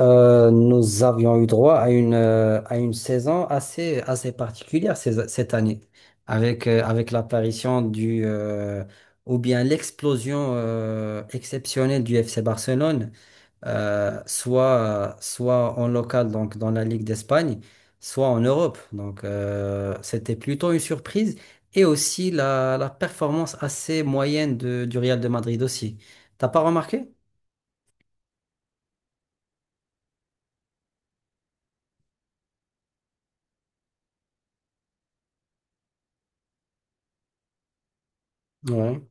Nous avions eu droit à une saison assez particulière cette année, avec l'explosion exceptionnelle du FC Barcelone, soit en local, donc dans la Ligue d'Espagne, soit en Europe. Donc, c'était plutôt une surprise, et aussi la performance assez moyenne du Real de Madrid aussi. T'as pas remarqué? Ouais,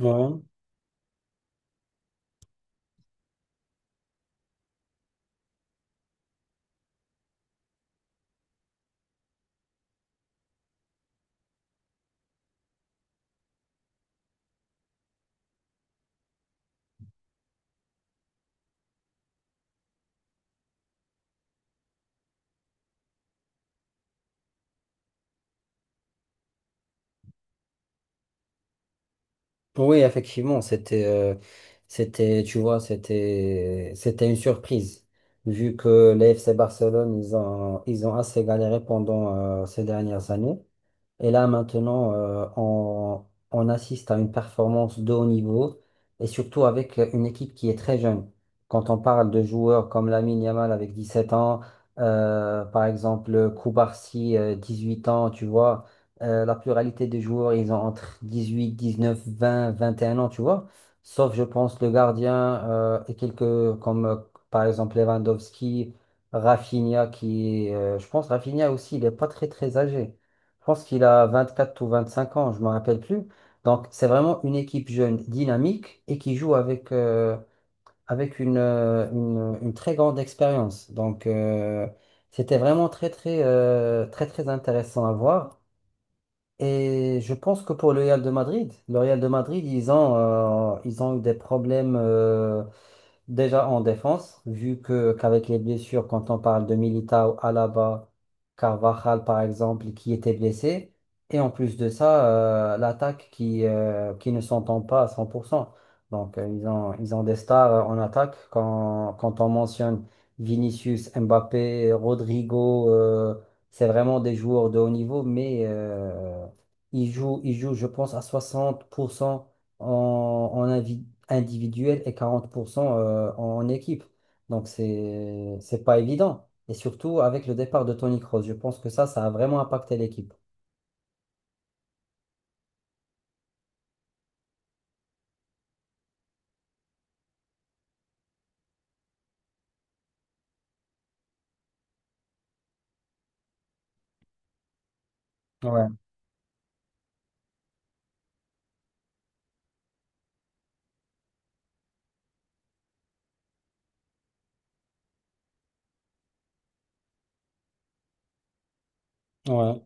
ouais. Oui, effectivement, c'était, tu vois, c'était une surprise, vu que l'AFC Barcelone, ils ont assez galéré pendant ces dernières années. Et là, maintenant, on assiste à une performance de haut niveau et surtout avec une équipe qui est très jeune. Quand on parle de joueurs comme Lamine Yamal avec 17 ans, par exemple Koubarsi, 8 ans, tu vois, la pluralité des joueurs, ils ont entre 18, neuf, 20, 21 ans, tu vois. Sauf, je pense, le gardien, et quelques comme par exemple Lewandowski, Rafinha qui, est, je pense, Rafinha aussi, il n'est pas très très âgé. Je pense qu'il a 24 ou 25 ans, je me rappelle plus. Donc, c'est vraiment une équipe jeune, dynamique et qui joue avec une très grande expérience. Donc, c'était vraiment très, très, très, très intéressant à voir. Et je pense que pour le Real de Madrid, ils ont eu des problèmes. Déjà en défense, vu que qu'avec les blessures, quand on parle de Militao, Alaba, Carvajal par exemple, qui étaient blessés, et en plus de ça, l'attaque qui ne s'entend pas à 100%. Donc, ils ont des stars en attaque. Quand on mentionne Vinicius, Mbappé, Rodrigo, c'est vraiment des joueurs de haut niveau, mais ils jouent, je pense, à 60% en, en, invi- individuel et 40% en équipe. Donc c'est pas évident. Et surtout avec le départ de Tony Kroos, je pense que ça a vraiment impacté l'équipe. Ouais, ouais,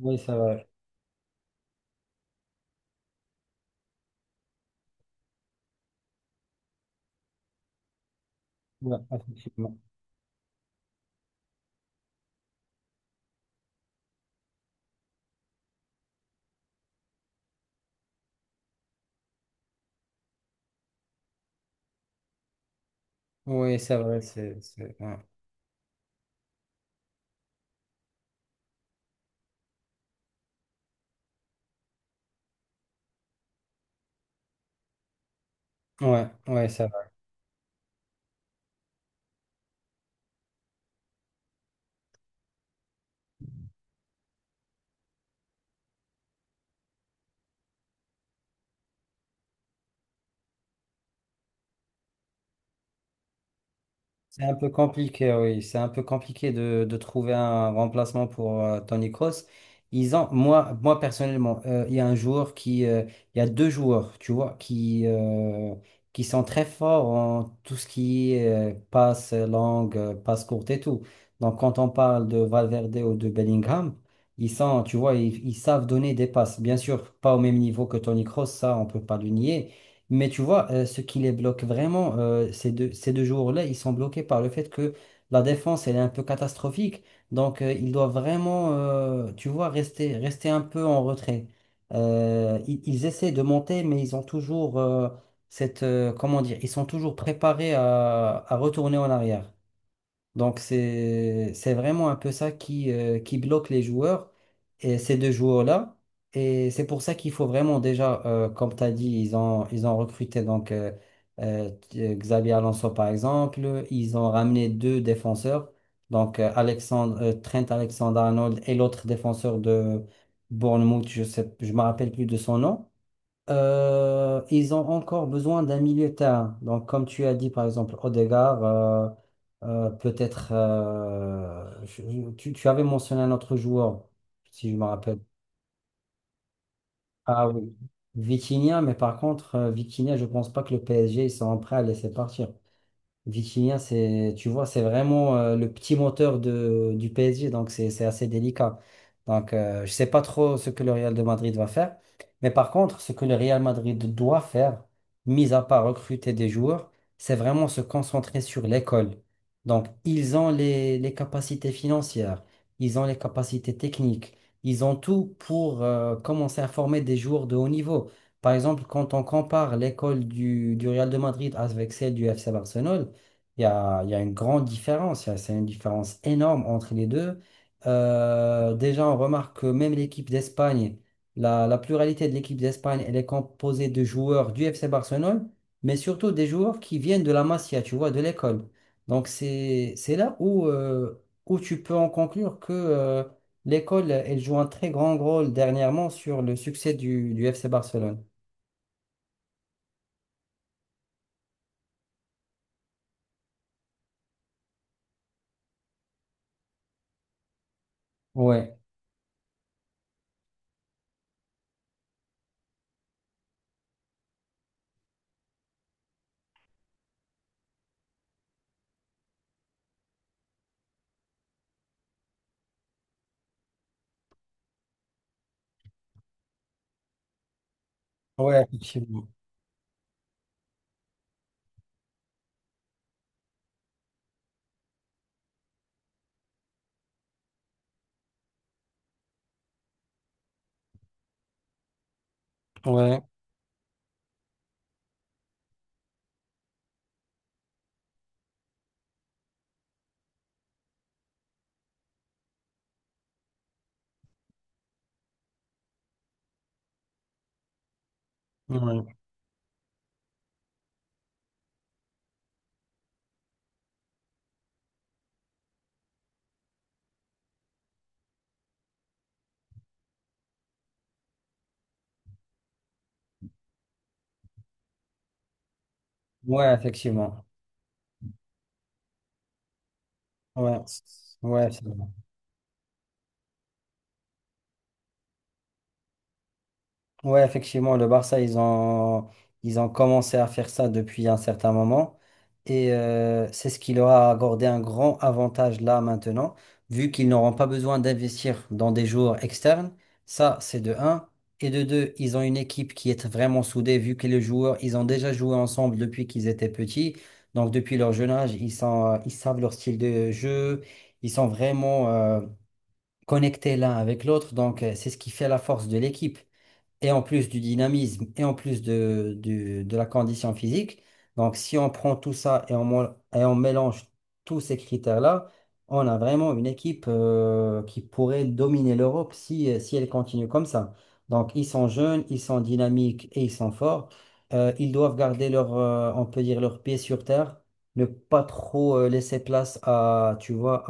oui, c'est vrai. Ouais, effectivement. Oui, c'est vrai, ouais, ouais, ouais, c'est. C'est un peu compliqué, oui. C'est un peu compliqué de trouver un remplacement pour Tony Kroos. Moi personnellement, il y a deux joueurs, tu vois, qui sont très forts en tout ce qui est passe longue, passe courte et tout. Donc, quand on parle de Valverde ou de Bellingham, ils sont, tu vois, ils savent donner des passes. Bien sûr, pas au même niveau que Tony Kroos, ça, on peut pas le nier. Mais tu vois, ce qui les bloque vraiment, ces deux jours-là, ils sont bloqués par le fait que la défense, elle est un peu catastrophique. Donc, ils doivent vraiment, tu vois, rester un peu en retrait. Ils essaient de monter, mais ils ont toujours comment dire, ils sont toujours préparés à retourner en arrière. Donc, c'est vraiment un peu ça qui bloque les joueurs, et ces deux joueurs-là. Et c'est pour ça qu'il faut vraiment déjà, comme tu as dit, ils ont recruté donc, Xabi Alonso, par exemple. Ils ont ramené deux défenseurs, donc Trent Alexander-Arnold et l'autre défenseur de Bournemouth, je sais, je me rappelle plus de son nom. Ils ont encore besoin d'un milieu de terrain. Donc, comme tu as dit, par exemple, Odegaard, peut-être. Tu avais mentionné un autre joueur, si je me rappelle. Ah oui, Vitinha. Mais par contre, Vitinha, je pense pas que le PSG ils sont prêts à laisser partir. Vitinha, c'est, tu vois, c'est vraiment le petit moteur du PSG, donc c'est assez délicat. Donc, je sais pas trop ce que le Real de Madrid va faire. Mais par contre, ce que le Real Madrid doit faire, mis à part recruter des joueurs, c'est vraiment se concentrer sur l'école. Donc, ils ont les capacités financières, ils ont les capacités techniques, ils ont tout pour commencer à former des joueurs de haut niveau. Par exemple, quand on compare l'école du Real de Madrid avec celle du FC Barcelone, il y a une grande différence. C'est une différence énorme entre les deux. Déjà, on remarque que même l'équipe d'Espagne, la pluralité de l'équipe d'Espagne, elle est composée de joueurs du FC Barcelone, mais surtout des joueurs qui viennent de la Masia, tu vois, de l'école. Donc, c'est là où tu peux en conclure que l'école, elle joue un très grand rôle dernièrement sur le succès du FC Barcelone. Ouais, ouais, effectivement. Ouais, ouais, ouais, effectivement. Ouais, ouais, c'est vrai. Ouais, effectivement, le Barça, ils ont commencé à faire ça depuis un certain moment. Et c'est ce qui leur a accordé un grand avantage là maintenant, vu qu'ils n'auront pas besoin d'investir dans des joueurs externes. Ça, c'est de un. Et de 2, ils ont une équipe qui est vraiment soudée, vu que les joueurs, ils ont déjà joué ensemble depuis qu'ils étaient petits. Donc, depuis leur jeune âge, ils savent leur style de jeu. Ils sont vraiment... connectés l'un avec l'autre. Donc, c'est ce qui fait la force de l'équipe. Et en plus du dynamisme, et en plus de la condition physique. Donc, si on prend tout ça et et on mélange tous ces critères-là, on a vraiment une équipe qui pourrait dominer l'Europe si elle continue comme ça. Donc, ils sont jeunes, ils sont dynamiques et ils sont forts. Ils doivent garder on peut dire, leurs pieds sur terre, ne pas trop laisser place tu vois,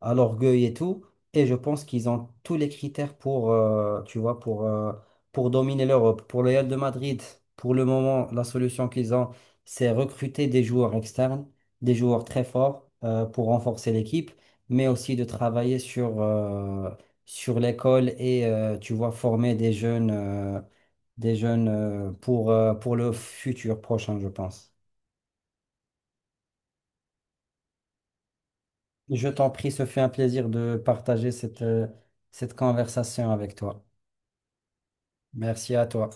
à l'orgueil et tout. Et je pense qu'ils ont tous les critères pour, tu vois, pour dominer l'Europe. Pour le Real de Madrid, pour le moment, la solution qu'ils ont, c'est recruter des joueurs externes, des joueurs très forts pour renforcer l'équipe, mais aussi de travailler sur l'école et, tu vois, former des jeunes, pour le futur prochain, je pense. Je t'en prie, ce fut un plaisir de partager cette conversation avec toi. Merci à toi.